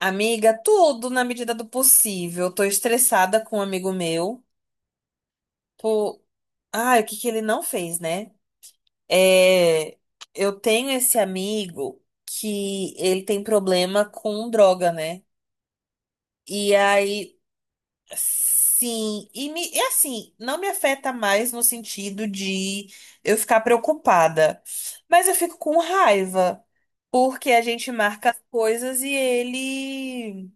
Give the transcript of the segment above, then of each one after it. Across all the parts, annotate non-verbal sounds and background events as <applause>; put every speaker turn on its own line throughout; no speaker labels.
Amiga, tudo na medida do possível. Tô estressada com um amigo meu. Tô... Ai, o que que ele não fez, né? É... Eu tenho esse amigo que ele tem problema com droga, né? E aí, sim, e assim, não me afeta mais no sentido de eu ficar preocupada, mas eu fico com raiva, porque a gente marca as coisas e ele.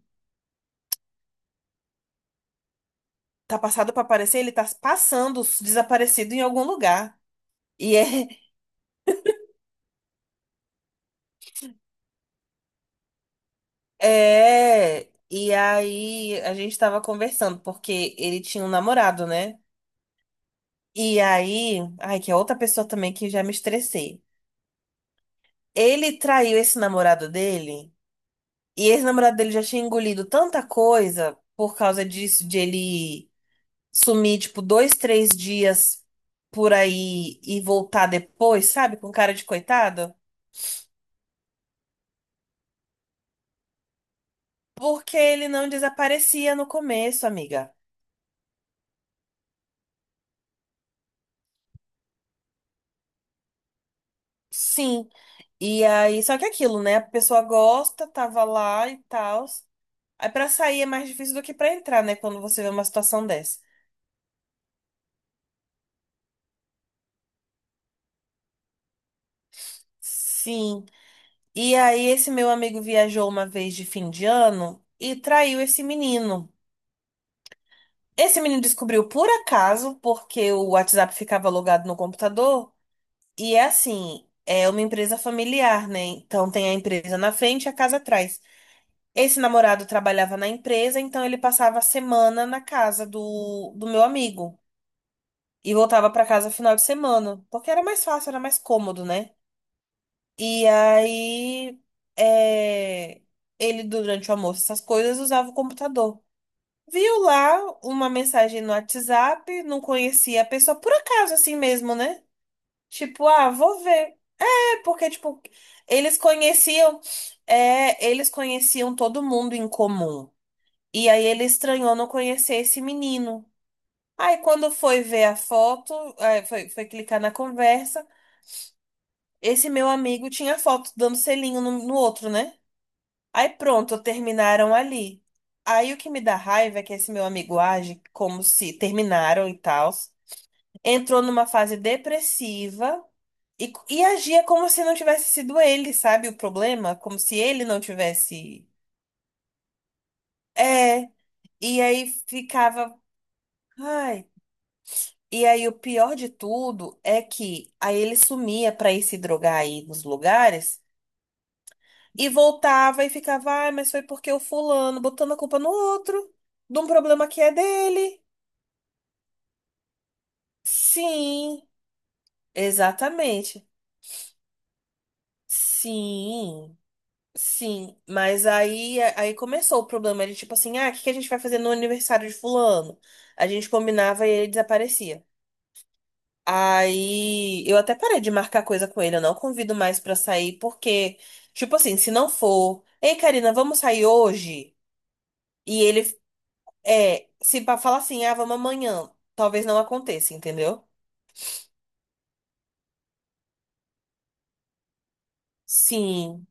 Tá passado pra aparecer, ele tá passando desaparecido em algum lugar. E é, <laughs> é. E aí a gente tava conversando, porque ele tinha um namorado, né? E aí. Ai, que é outra pessoa também que já me estressei. Ele traiu esse namorado dele, e esse namorado dele já tinha engolido tanta coisa por causa disso, de ele sumir, tipo, dois, três dias por aí e voltar depois, sabe? Com cara de coitado. Porque ele não desaparecia no começo, amiga. Sim. E aí, só que aquilo, né? A pessoa gosta, tava lá e tal. Aí pra sair é mais difícil do que pra entrar, né? Quando você vê uma situação dessa. Sim. E aí, esse meu amigo viajou uma vez de fim de ano e traiu esse menino. Esse menino descobriu por acaso, porque o WhatsApp ficava logado no computador. E é assim, é uma empresa familiar, né? Então tem a empresa na frente e a casa atrás. Esse namorado trabalhava na empresa, então ele passava a semana na casa do meu amigo e voltava para casa final de semana, porque era mais fácil, era mais cômodo, né? E aí, é, ele, durante o almoço, essas coisas, usava o computador. Viu lá uma mensagem no WhatsApp, não conhecia a pessoa, por acaso, assim mesmo, né? Tipo, ah, vou ver. É porque, tipo, eles conheciam, é, eles conheciam todo mundo em comum. E aí ele estranhou não conhecer esse menino. Aí quando foi ver a foto, aí foi clicar na conversa, esse meu amigo tinha a foto dando selinho no outro, né? Aí pronto, terminaram ali. Aí o que me dá raiva é que esse meu amigo age como se terminaram e tal. Entrou numa fase depressiva e agia como se não tivesse sido ele, sabe, o problema? Como se ele não tivesse. É. E aí ficava. Ai. E aí, o pior de tudo é que aí ele sumia para ir se drogar aí nos lugares e voltava e ficava, ah, mas foi porque o fulano, botando a culpa no outro, de um problema que é dele. Sim, exatamente. Sim, sim. Mas aí, aí começou o problema de tipo assim, ah, o que que a gente vai fazer no aniversário de fulano? A gente combinava e ele desaparecia. Aí eu até parei de marcar coisa com ele, eu não convido mais pra sair, porque, tipo assim, se não for, ei, Karina, vamos sair hoje? E ele é, se pa- falar assim, ah, vamos amanhã, talvez não aconteça, entendeu? Sim.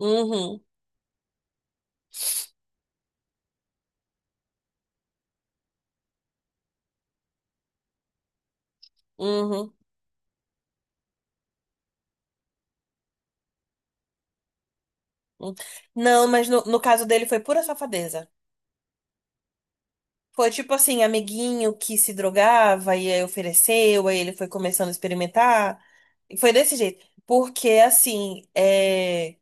Uhum, uhum, uhum. Não, mas no, no caso dele foi pura safadeza. Foi tipo assim, amiguinho que se drogava e aí ofereceu, aí ele foi começando a experimentar. E foi desse jeito. Porque assim, é.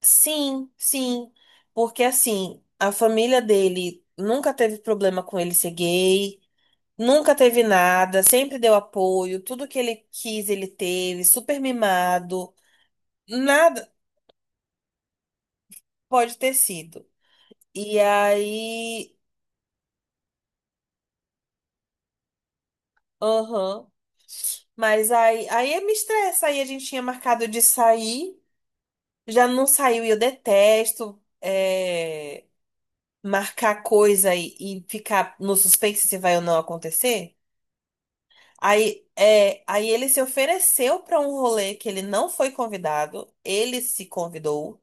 Sim, sim. Porque assim, a família dele nunca teve problema com ele ser gay, nunca teve nada, sempre deu apoio, tudo que ele quis ele teve, super mimado, nada pode ter sido. E aí, aham. Mas aí, aí me estressa, aí a gente tinha marcado de sair, já não saiu e eu detesto é, marcar coisa e ficar no suspense se vai ou não acontecer. Aí, é, aí ele se ofereceu para um rolê que ele não foi convidado, ele se convidou.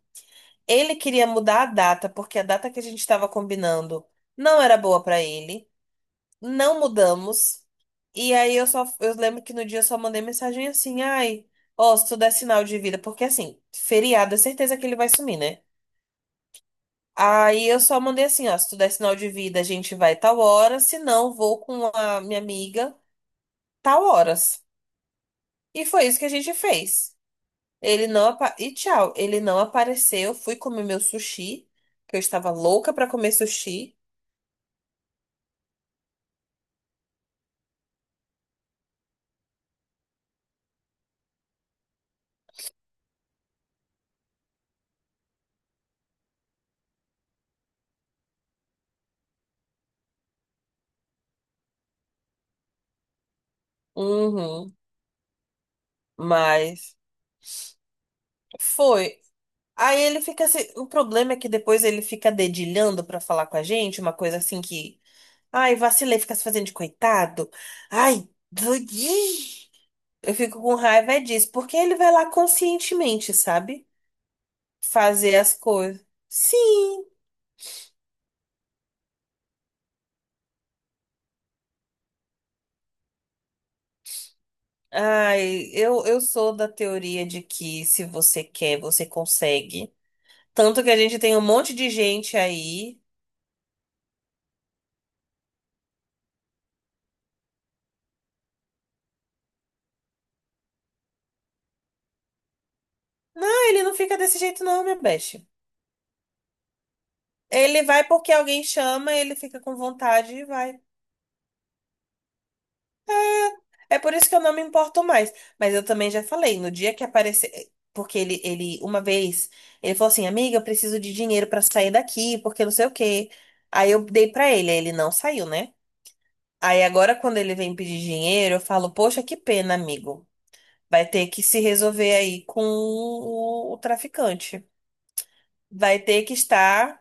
Ele queria mudar a data, porque a data que a gente estava combinando não era boa para ele. Não mudamos. E aí eu só eu lembro que no dia eu só mandei mensagem assim: "Ai, ó, se tu der sinal de vida, porque assim, feriado é certeza que ele vai sumir, né?" Aí eu só mandei assim, ó, se tu der sinal de vida, a gente vai tal hora, se não, vou com a minha amiga tal horas. E foi isso que a gente fez. Ele não apa... E tchau, ele não apareceu. Fui comer meu sushi, que eu estava louca pra comer sushi. Uhum. Mas foi. Aí ele fica assim. O problema é que depois ele fica dedilhando pra falar com a gente, uma coisa assim que. Ai, vacilei, fica se fazendo de coitado. Ai, doidinho. Eu fico com raiva é disso, porque ele vai lá conscientemente, sabe? Fazer as coisas. Sim. Ai, eu sou da teoria de que se você quer, você consegue. Tanto que a gente tem um monte de gente aí. Não, ele não fica desse jeito, não, minha besta. Ele vai porque alguém chama, ele fica com vontade e vai. É por isso que eu não me importo mais. Mas eu também já falei, no dia que aparecer. Porque uma vez, ele falou assim: Amiga, eu preciso de dinheiro pra sair daqui, porque não sei o quê. Aí eu dei pra ele, aí ele não saiu, né? Aí agora, quando ele vem pedir dinheiro, eu falo: Poxa, que pena, amigo. Vai ter que se resolver aí com o traficante. Vai ter que estar,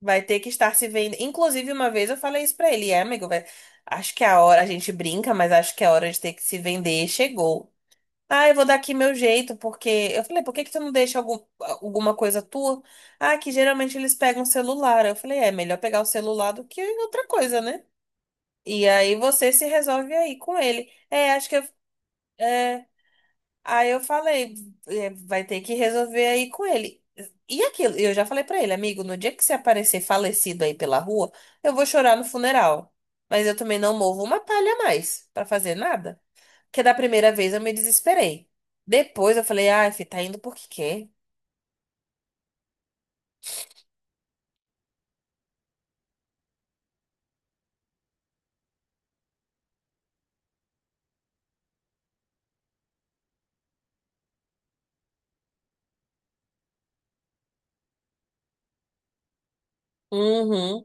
vai ter que estar se vendo. Inclusive, uma vez eu falei isso pra ele, é, amigo, acho que é a hora, a gente brinca, mas acho que é a hora de ter que se vender chegou. Ah, eu vou dar aqui meu jeito, porque. Eu falei, por que que tu não deixa alguma coisa tua? Ah, que geralmente eles pegam o celular. Eu falei, é melhor pegar o celular do que outra coisa, né? E aí você se resolve aí com ele. É, acho que eu. é, Aí eu falei, é, vai ter que resolver aí com ele. E aquilo, eu já falei pra ele, amigo, no dia que você aparecer falecido aí pela rua, eu vou chorar no funeral. Mas eu também não movo uma palha a mais pra fazer nada. Porque da primeira vez eu me desesperei. Depois eu falei, ah, fi, tá indo porque quer. Uhum,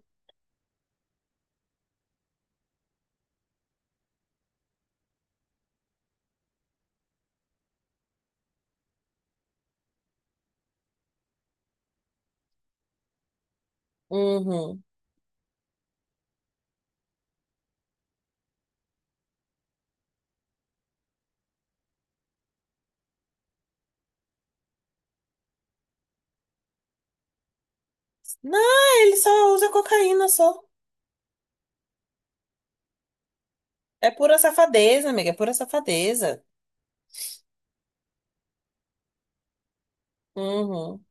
uhum. Não, ele só usa cocaína só. É pura safadeza, amiga, é pura safadeza. Uhum,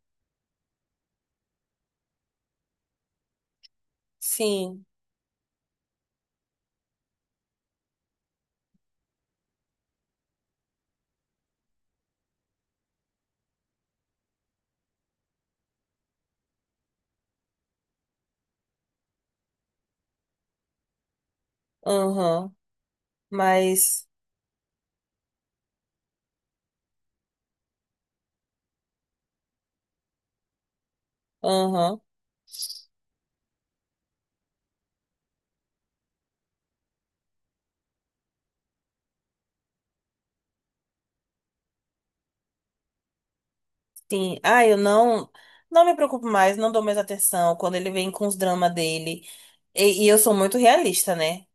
sim, uhum, mas, uhum. Sim, ah, eu não não me preocupo mais, não dou mais atenção quando ele vem com os dramas dele. E eu sou muito realista, né?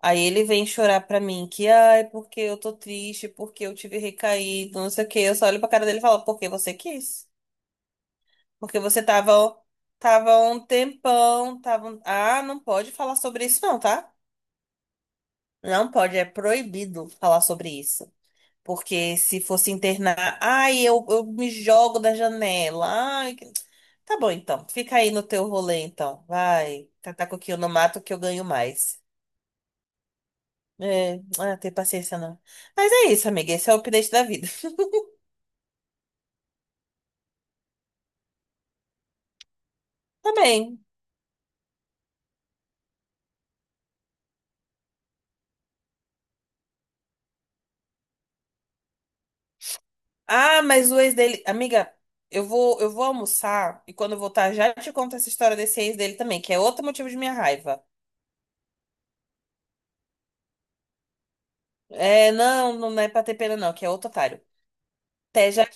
Aí ele vem chorar pra mim que, ai, porque eu tô triste, porque eu tive recaído, não sei o quê. Eu só olho pra cara dele e falo, porque você quis? Porque você tava, tava um tempão, Ah, não pode falar sobre isso, não, tá? Não pode, é proibido falar sobre isso. Porque se fosse internar, ai, eu me jogo da janela. Ai, que- tá bom então. Fica aí no teu rolê então. Vai, catar coquinho no mato que eu ganho mais. É, ah, tem paciência não. Mas é isso, amiga. Esse é o update da vida. <laughs> Tá bem. Ah, mas o ex dele, amiga, eu vou almoçar e quando eu voltar já te conto essa história desse ex dele também, que é outro motivo de minha raiva. É, não, não é pra ter pena não, que é outro otário. Até já.